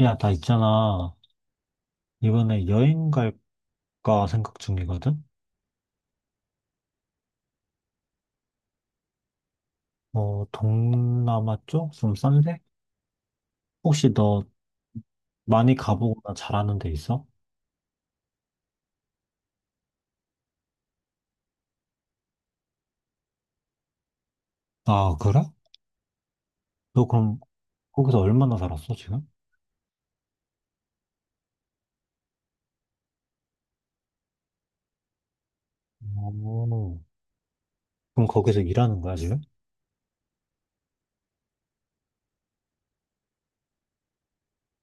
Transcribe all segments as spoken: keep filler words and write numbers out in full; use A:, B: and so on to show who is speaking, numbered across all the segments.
A: 야, 나 있잖아. 이번에 여행 갈까 생각 중이거든? 어, 동남아 쪽? 좀 싼데? 혹시 너 많이 가보거나 잘하는 데 있어? 아, 그래? 너 그럼 거기서 얼마나 살았어, 지금? 오. 그럼 거기서 일하는 거야, 지금?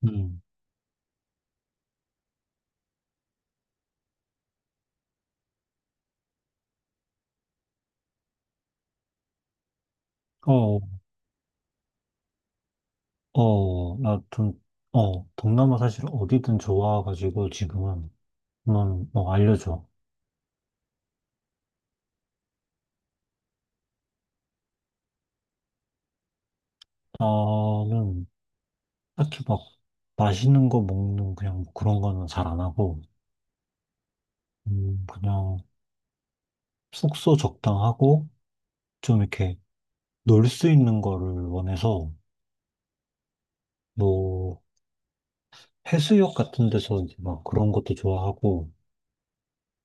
A: 응. 어, 어, 어, 나 좀, 어, 동남아 사실 어디든 좋아가지고 지금은, 한번 뭐 알려줘. 나는 딱히 막 맛있는 거 먹는 그냥 뭐 그런 거는 잘 안 하고, 음, 그냥 숙소 적당하고 좀 이렇게 놀 수 있는 거를 원해서 뭐 해수욕 같은 데서 이제 막 그런 것도 좋아하고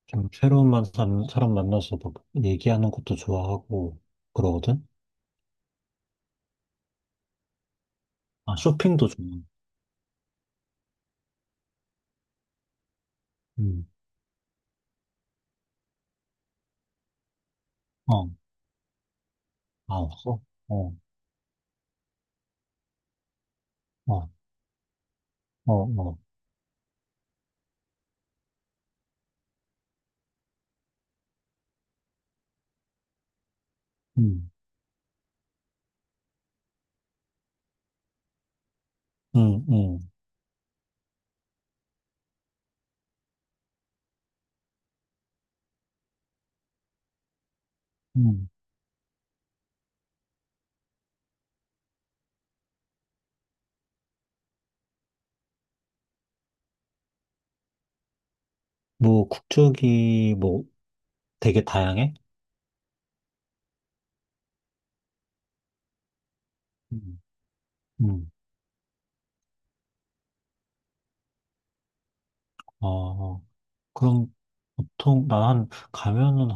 A: 좀 새로운 만- 사람 사람 만나서 막 얘기하는 것도 좋아하고 그러거든. 아 쇼핑도 좋아. 음, 어, 아 없어. 어, 어, 어, 어. 음, 음, 음, 음. 뭐 국적이 뭐 되게 다양해. 음, 음. 어, 그럼 보통 나한 가면은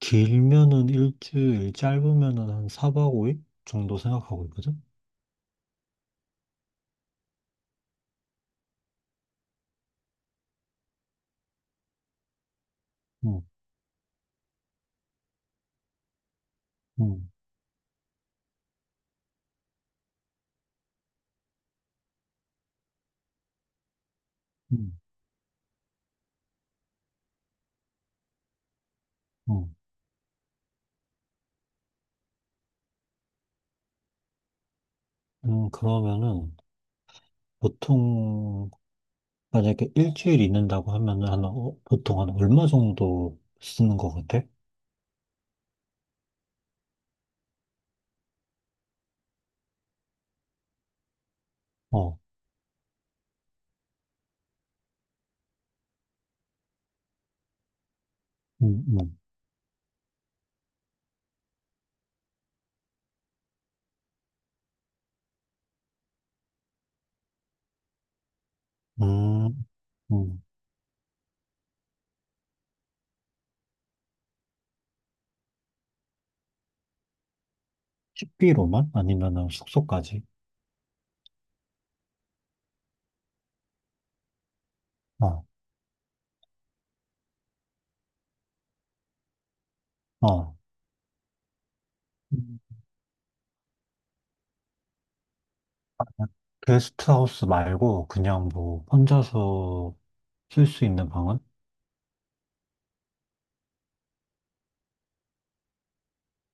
A: 길면은 일주일, 짧으면은 한 사 박 오 일 정도 생각하고 있거든? 응, 응, 응, 응. 음, 그러면은 보통, 만약에 일주일 있는다고 하면은 한, 어, 보통 한 얼마 정도 쓰는 것 같아? 어, 응, 응, 음, 음. 식비로만? 아니면은 숙소까지? 어, 어. 음, 게스트하우스 말고 그냥 뭐 혼자서 쓸 수 있는 방은?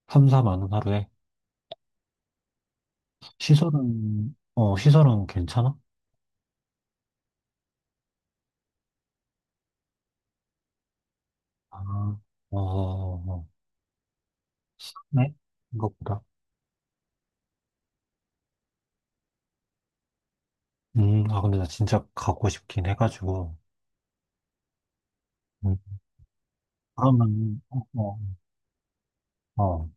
A: 삼, 사만 원 하루에? 시설은, 어, 시설은 괜찮아? 아, 어, 어, 네? 생각보다. 음, 아, 근데 나 진짜 가고 싶긴 해가지고. 음, 그러면, 어, 어, 어,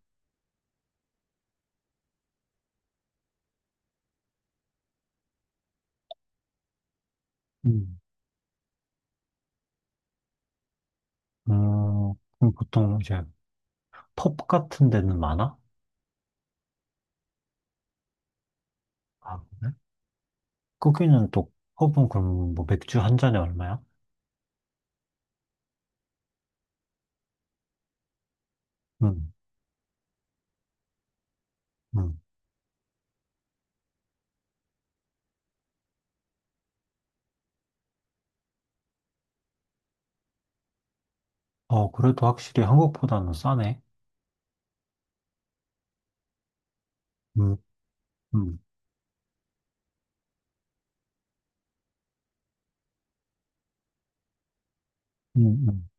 A: 음, 음, 그럼 보통 이제 펍 같은 데는 많아? 아, 그래? 거기는 또, 펍은 그럼 뭐 맥주 한 잔에 얼마야? 음, 음. 어, 그래도 확실히 한국보다는 싸네. 음, 음, 음, 음.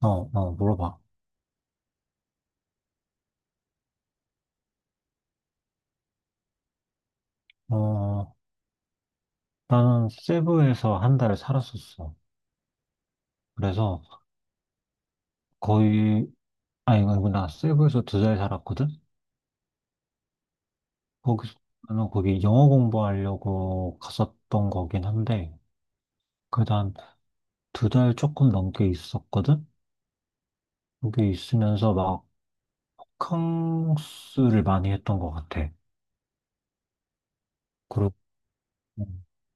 A: 어, 어, 물어봐. 어, 나는 세부에서 한 달 살았었어. 그래서 거의, 아니, 이거 나 세부에서 두 달 살았거든? 거기서, 나는 거기 영어 공부하려고 갔었던 거긴 한데, 그다음 두 달 조금 넘게 있었거든? 거기 있으면서 막캉스를 많이 했던 것 같아. 그리고,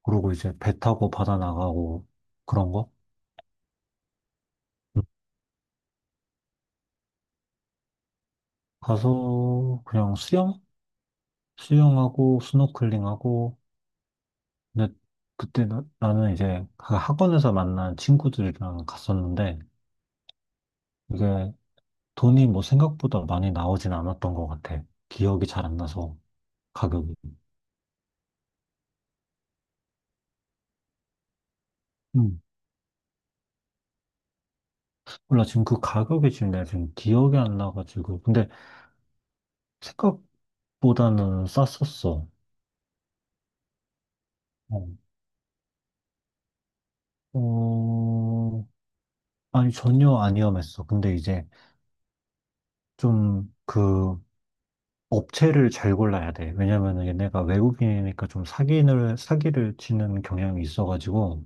A: 그러고 이제 배 타고 바다 나가고 그런 거? 음. 가서 그냥 수영? 수영하고 스노클링하고, 근데 그때 나, 나는 이제 그 학원에서 만난 친구들이랑 갔었는데, 이게 돈이 뭐 생각보다 많이 나오진 않았던 것 같아. 기억이 잘 안 나서 가격이. 음. 몰라 지금 그 가격이 지금 내가 지금 기억이 안 나가지고. 근데 생각보다는 쌌었어. 어, 어, 아니 전혀 안 위험했어. 근데 이제 좀 그 업체를 잘 골라야 돼. 왜냐면은 얘네가 외국인이니까 좀 사기를 사기를 치는 경향이 있어가지고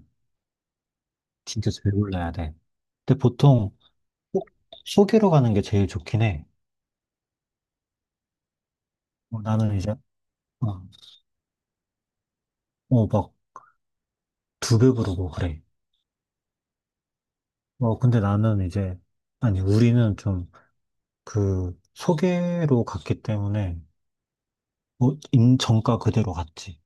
A: 진짜 잘 골라야 돼. 근데 보통 꼭 소개로 가는 게 제일 좋긴 해. 어, 나는 이제, 어, 어, 막, 두 배 부르고 그래. 어, 근데 나는 이제, 아니, 우리는 좀, 그, 소개로 갔기 때문에, 어, 인, 정가 그대로 갔지.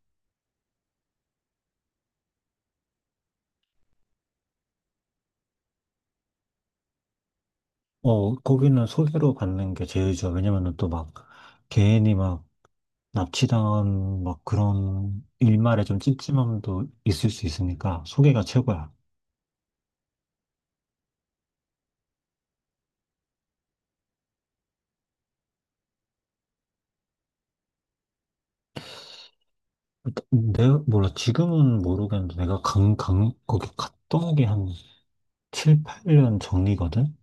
A: 어, 거기는 소개로 받는 게 제일 좋아. 왜냐면은 또 막, 괜히 막, 납치당한, 막 그런, 일말에 좀 찝찝함도 있을 수 있으니까, 소개가 최고야. 내가, 몰라, 지금은 모르겠는데, 내가 강, 강, 거기 갔던 게 한 칠, 팔 년 전이거든?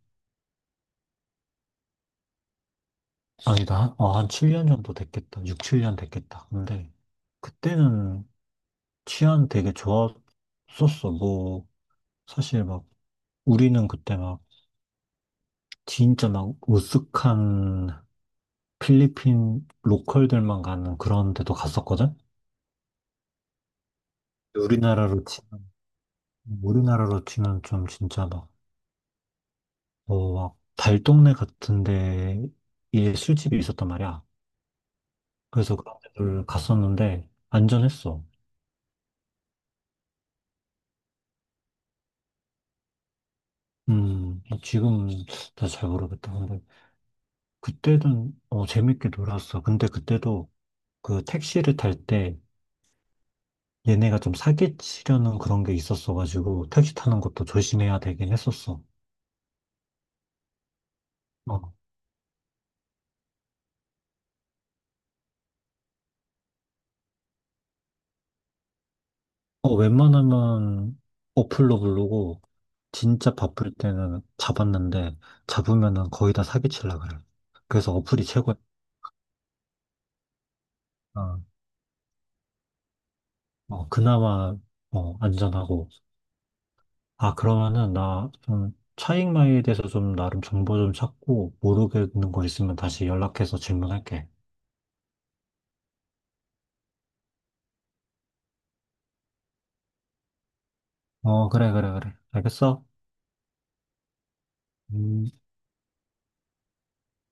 A: 아니다. 한, 어, 한 칠 년 정도 됐겠다. 육, 칠 년 됐겠다. 근데 그때는 치안 되게 좋았었어. 뭐 사실 막 우리는 그때 막 진짜 막 으슥한 필리핀 로컬들만 가는 그런 데도 갔었거든. 우리나라로 치면 우리나라로 치면 좀 진짜 막 어막 달동네 같은 데에 술집이 있었단 말이야. 그래서 그런 데를 갔었는데 안전했어. 음, 지금 다 잘 모르겠다. 근데 그때는 어, 재밌게 놀았어. 근데 그때도 그 택시를 탈 때 얘네가 좀 사기치려는 그런 게 있었어가지고 택시 타는 것도 조심해야 되긴 했었어. 어, 어, 웬만하면 어플로 부르고 진짜 바쁠 때는 잡았는데 잡으면은 거의 다 사기치려 그래. 그래서 어플이 최고야. 어, 어, 그나마 어, 안전하고. 아, 그러면은 나 좀 차익마이에 대해서 좀 나름 정보 좀 찾고 모르겠는 거 있으면 다시 연락해서 질문할게. 어, 그래, 그래, 그래. 알겠어. 음.